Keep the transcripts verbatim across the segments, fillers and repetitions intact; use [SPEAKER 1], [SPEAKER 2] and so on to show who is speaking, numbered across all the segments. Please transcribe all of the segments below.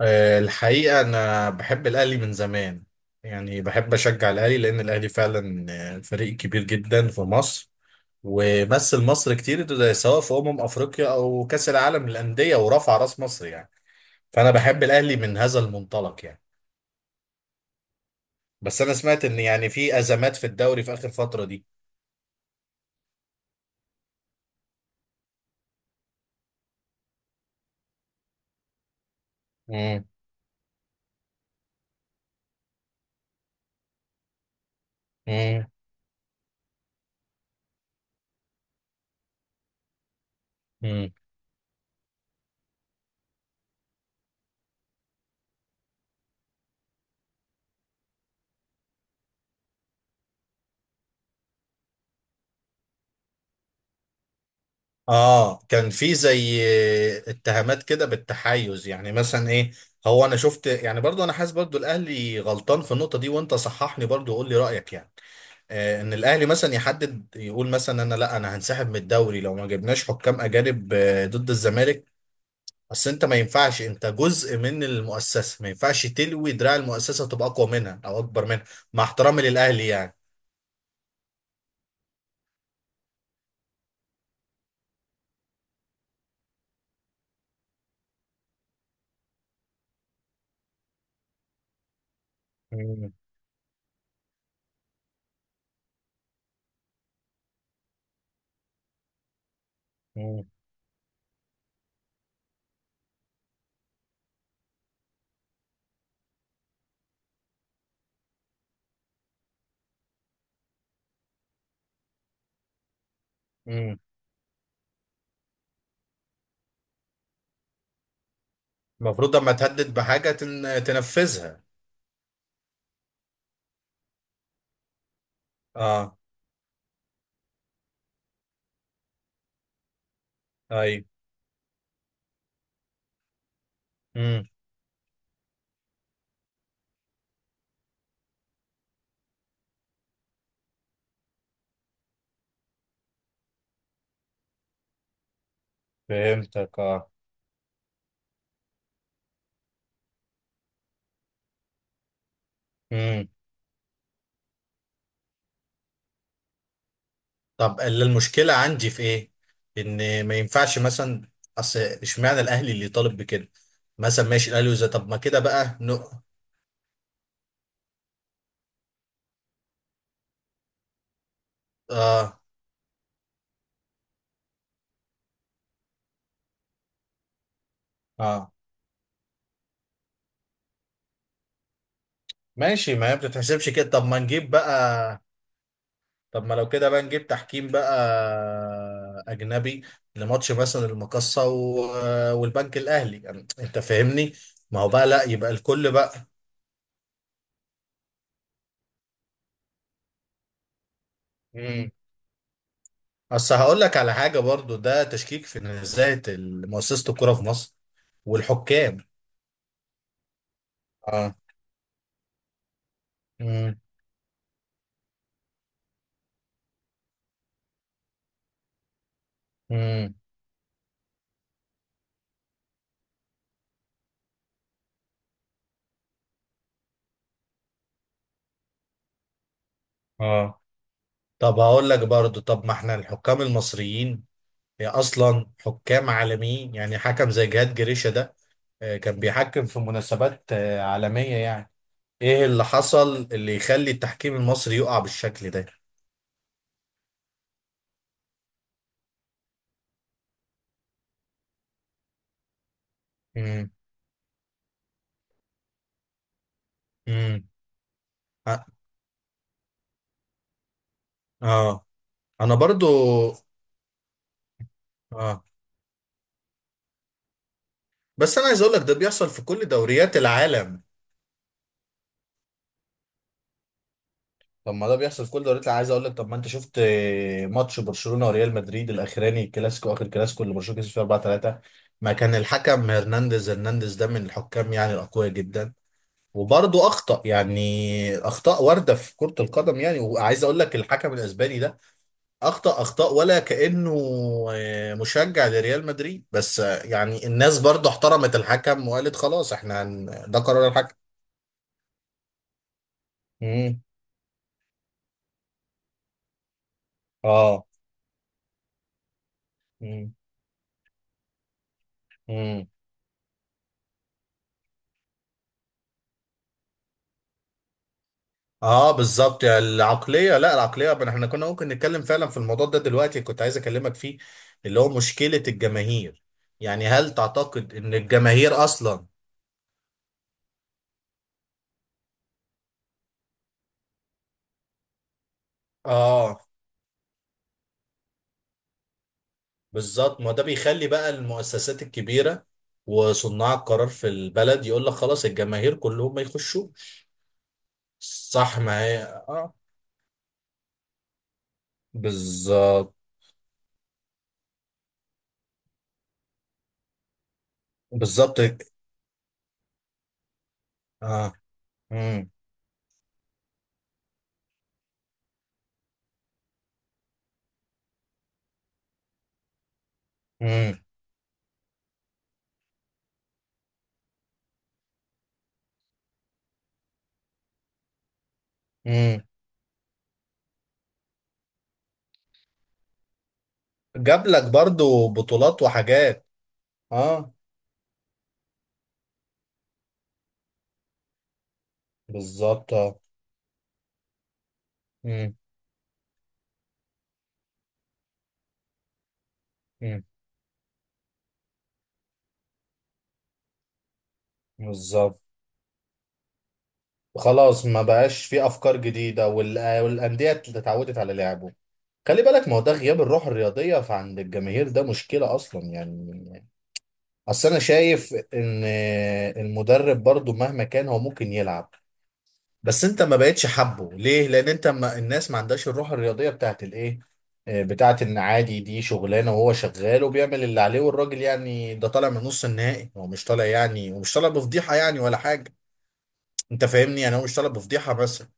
[SPEAKER 1] آه، الحقيقة أنا بحب الأهلي من زمان، يعني بحب أشجع الأهلي لأن الأهلي فعلا آه، فريق كبير جدا في مصر، ومثل مصر كتير ده سواء في أمم أفريقيا أو كأس العالم للأندية ورفع رأس مصر يعني. فأنا بحب الأهلي من هذا المنطلق يعني. بس أنا سمعت إن يعني في أزمات في الدوري في آخر فترة دي. مم. مم. مم. اه، كان في زي اتهامات كده بالتحيز، يعني مثلا ايه؟ هو انا شفت يعني، برضو انا حاسس برضو الاهلي غلطان في النقطه دي، وانت صححني برضو وقول لي رايك يعني. آه ان الاهلي مثلا يحدد يقول مثلا انا، لا، انا هنسحب من الدوري لو ما جبناش حكام اجانب آه، ضد الزمالك. بس انت ما ينفعش، انت جزء من المؤسسه، ما ينفعش تلوي دراع المؤسسه تبقى اقوى منها او اكبر منها، مع احترامي للاهلي يعني. مم. مم. مم. المفروض لما تهدد بحاجه تن- تنفذها. اه. ايوه. امم. فهمتك. اه. امم. طب ال- المشكله عندي في ايه؟ ان ما ينفعش مثلا، اصل اشمعنى الاهلي اللي طالب بكده؟ مثلا ماشي الاهلي وزي، طب ما كده بقى نو. اه اه، ماشي، ما هي بتتحسبش كده. طب ما نجيب بقى، طب ما لو كده بقى نجيب تحكيم بقى اجنبي لماتش مثلا المقصه و... والبنك الاهلي، يعني انت فاهمني. ما هو بقى لا، يبقى الكل بقى. اصل هقول لك على حاجه برضو، ده تشكيك في نزاهه مؤسسه الكوره في مصر والحكام. اه. مم. مم. اه. طب هقول لك برضو، طب ما احنا الحكام المصريين هي اصلا حكام عالميين، يعني حكم زي جهاد جريشة ده آه، كان بيحكم في مناسبات آه، عالمية يعني. ايه اللي حصل اللي يخلي التحكيم المصري يقع بالشكل ده؟ امم. امم. اه. آه. انا برضو، اه، بس انا عايز اقول لك ده بيحصل في كل دوريات العالم. طب ما ده بيحصل في كل دوريات العالم. عايز اقول لك، طب ما انت شفت آه، ماتش برشلونه وريال مدريد الاخراني الكلاسيكو، اخر كلاسيكو اللي برشلونه كسب فيه أربعة ثلاثة، ما كان الحكم هرنانديز. هرنانديز ده من الحكام يعني الاقوياء جدا، وبرضه اخطا يعني، اخطاء وارده في كره القدم يعني. وعايز اقول لك الحكم الاسباني ده اخطا اخطاء، ولا كانه آه، مشجع لريال مدريد، بس آه، يعني الناس برضه احترمت الحكم وقالت خلاص احنا هن- ده قرار الحكم. امم. اه. امم. اه بالظبط، يعني العقليه، لا، العقليه بن- احنا كنا ممكن نتكلم فعلا في الموضوع ده دلوقتي، كنت عايز اكلمك فيه، اللي هو مشكله الجماهير. يعني هل تعتقد ان الجماهير اصلا؟ اه بالظبط، ما ده بيخلي بقى المؤسسات الكبيره وصناع القرار في البلد يقول لك خلاص الجماهير كلهم ما يخشوش. صح، ما هي اه. بالظبط. بالظبط. اه. امم. امم. امم. جاب لك برضو بطولات وحاجات. اه بالظبط. اه. مم. بالظبط. خلاص ما بقاش في افكار جديده وال- والانديه اتعودت على لعبه. خلي بالك، ما هو ده غياب الروح الرياضيه فعند الجماهير، ده مشكله اصلا يعني. اصل انا شايف ان المدرب برضو مهما كان هو ممكن يلعب، بس انت ما بقتش حابه ليه لان انت، ما الناس ما عندهاش الروح الرياضيه بتاعت الايه، آه، بتاعت ان عادي دي شغلانه وهو شغال وبيعمل اللي عليه، والراجل يعني ده طالع من نص النهائي، هو مش طالع يعني، ومش طالع بفضيحه يعني ولا حاجه. انت فاهمني، انا مش طالب بفضيحه مثلا.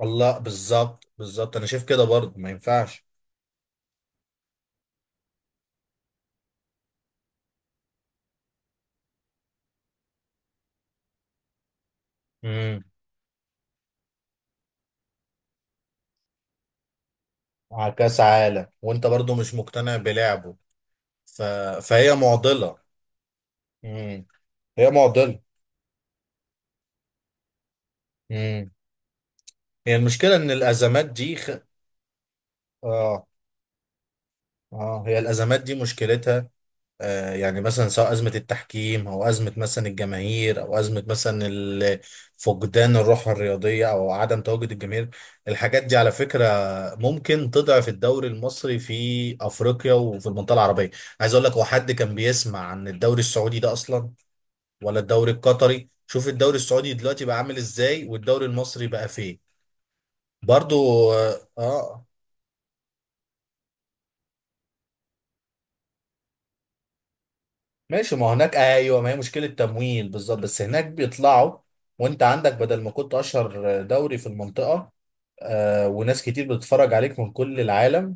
[SPEAKER 1] الله، بالظبط، بالظبط، انا شايف كده برضه ما ينفعش. امم. على كاس عالم وانت برضه مش مقتنع بلعبه. ف... فهي معضله. امم. هي معضله. امم. هي المشكله ان الازمات دي خ... اه، اه، هي الازمات دي مشكلتها آه، يعني مثلا سواء أزمة التحكيم أو أزمة مثلا الجماهير أو أزمة مثلا ال- فقدان الروح الرياضية أو عدم تواجد الجماهير. الحاجات دي على فكرة ممكن تضعف الدوري المصري في أفريقيا وفي المنطقة العربية. عايز أقول لك، هو حد كان بيسمع عن الدوري السعودي ده أصلا؟ ولا الدوري القطري؟ شوف الدوري السعودي دلوقتي بقى عامل إزاي والدوري المصري بقى فين. برضو آه، آه، ماشي. ما هو هناك ايوه، ما هي مشكله تمويل بالظبط، بس هناك بيطلعوا. وانت عندك، بدل ما كنت اشهر دوري في المنطقه آه وناس كتير بتتفرج عليك من كل العالم.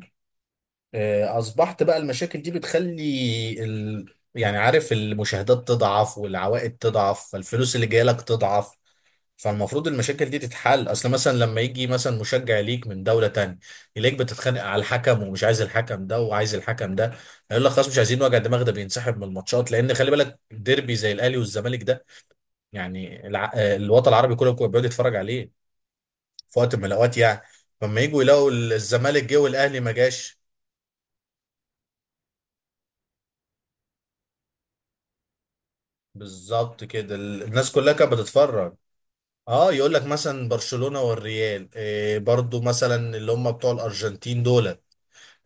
[SPEAKER 1] آه اصبحت بقى المشاكل دي بتخلي ال... يعني عارف المشاهدات تضعف والعوائد تضعف فالفلوس اللي جايه لك تضعف. فالمفروض المشاكل دي تتحل، اصل مثلا لما يجي مثلا مشجع ليك من دولة تانية، يلاقيك بتتخانق على الحكم ومش عايز الحكم ده وعايز الحكم ده، هيقول لك خلاص مش عايزين وجع دماغ. ده بينسحب من الماتشات، لان خلي بالك ديربي زي الاهلي والزمالك ده يعني الع... آه، الوطن العربي كله بيبقى بيقعد يتفرج عليه في وقت من الاوقات يعني. فلما يجوا يلاقوا الزمالك جه والاهلي ما جاش. بالظبط كده، ال- الناس كلها كانت بتتفرج. اه، يقول لك مثلا برشلونة والريال، إيه برضو مثلا اللي هم بتوع الارجنتين دول،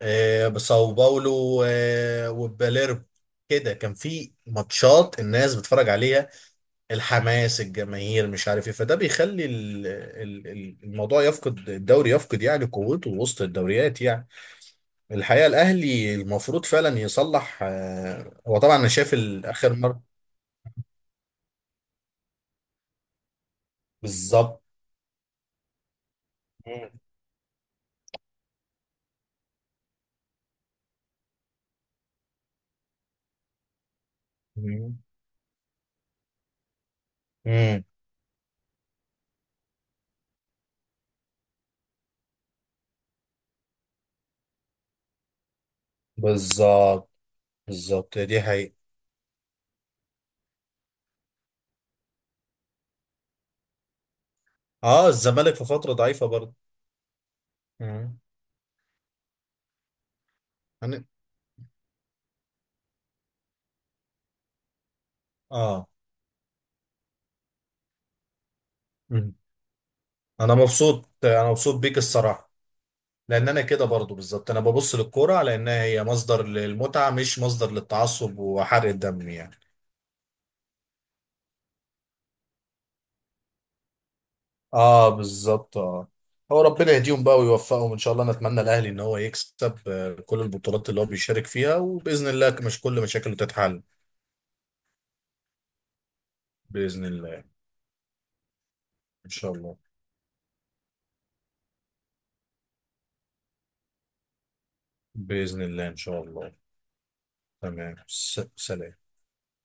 [SPEAKER 1] آه، بساو باولو آه، وباليرب، كده كان في ماتشات الناس بتتفرج عليها، الحماس، الجماهير، مش عارف ايه، فده بيخلي ال- ال- ال- الموضوع يفقد الدوري، يفقد يعني قوته وسط الدوريات يعني. الحقيقة الاهلي المفروض فعلا يصلح، آه، هو طبعا انا شايف ال- اخر مرة. بالظبط. مم. مم. مم. بالظبط. بالظبط، دي حقيقة. اه، الزمالك في فترة ضعيفة برضه. مم. هن- اه، انا مبسوط، انا مبسوط بيك الصراحه، لان انا كده برضو بالظبط، انا ببص للكوره على انها هي مصدر للمتعه مش مصدر للتعصب وحرق الدم يعني. اه بالظبط. اه، هو ربنا يهديهم بقى ويوفقهم ان شاء الله، نتمنى الاهلي ان هو يكسب آه، كل البطولات اللي هو بيشارك فيها، وباذن الله مش كل مشاكله تتحل. باذن الله. ان شاء الله. باذن الله. ان شاء الله. تمام. س- سلام.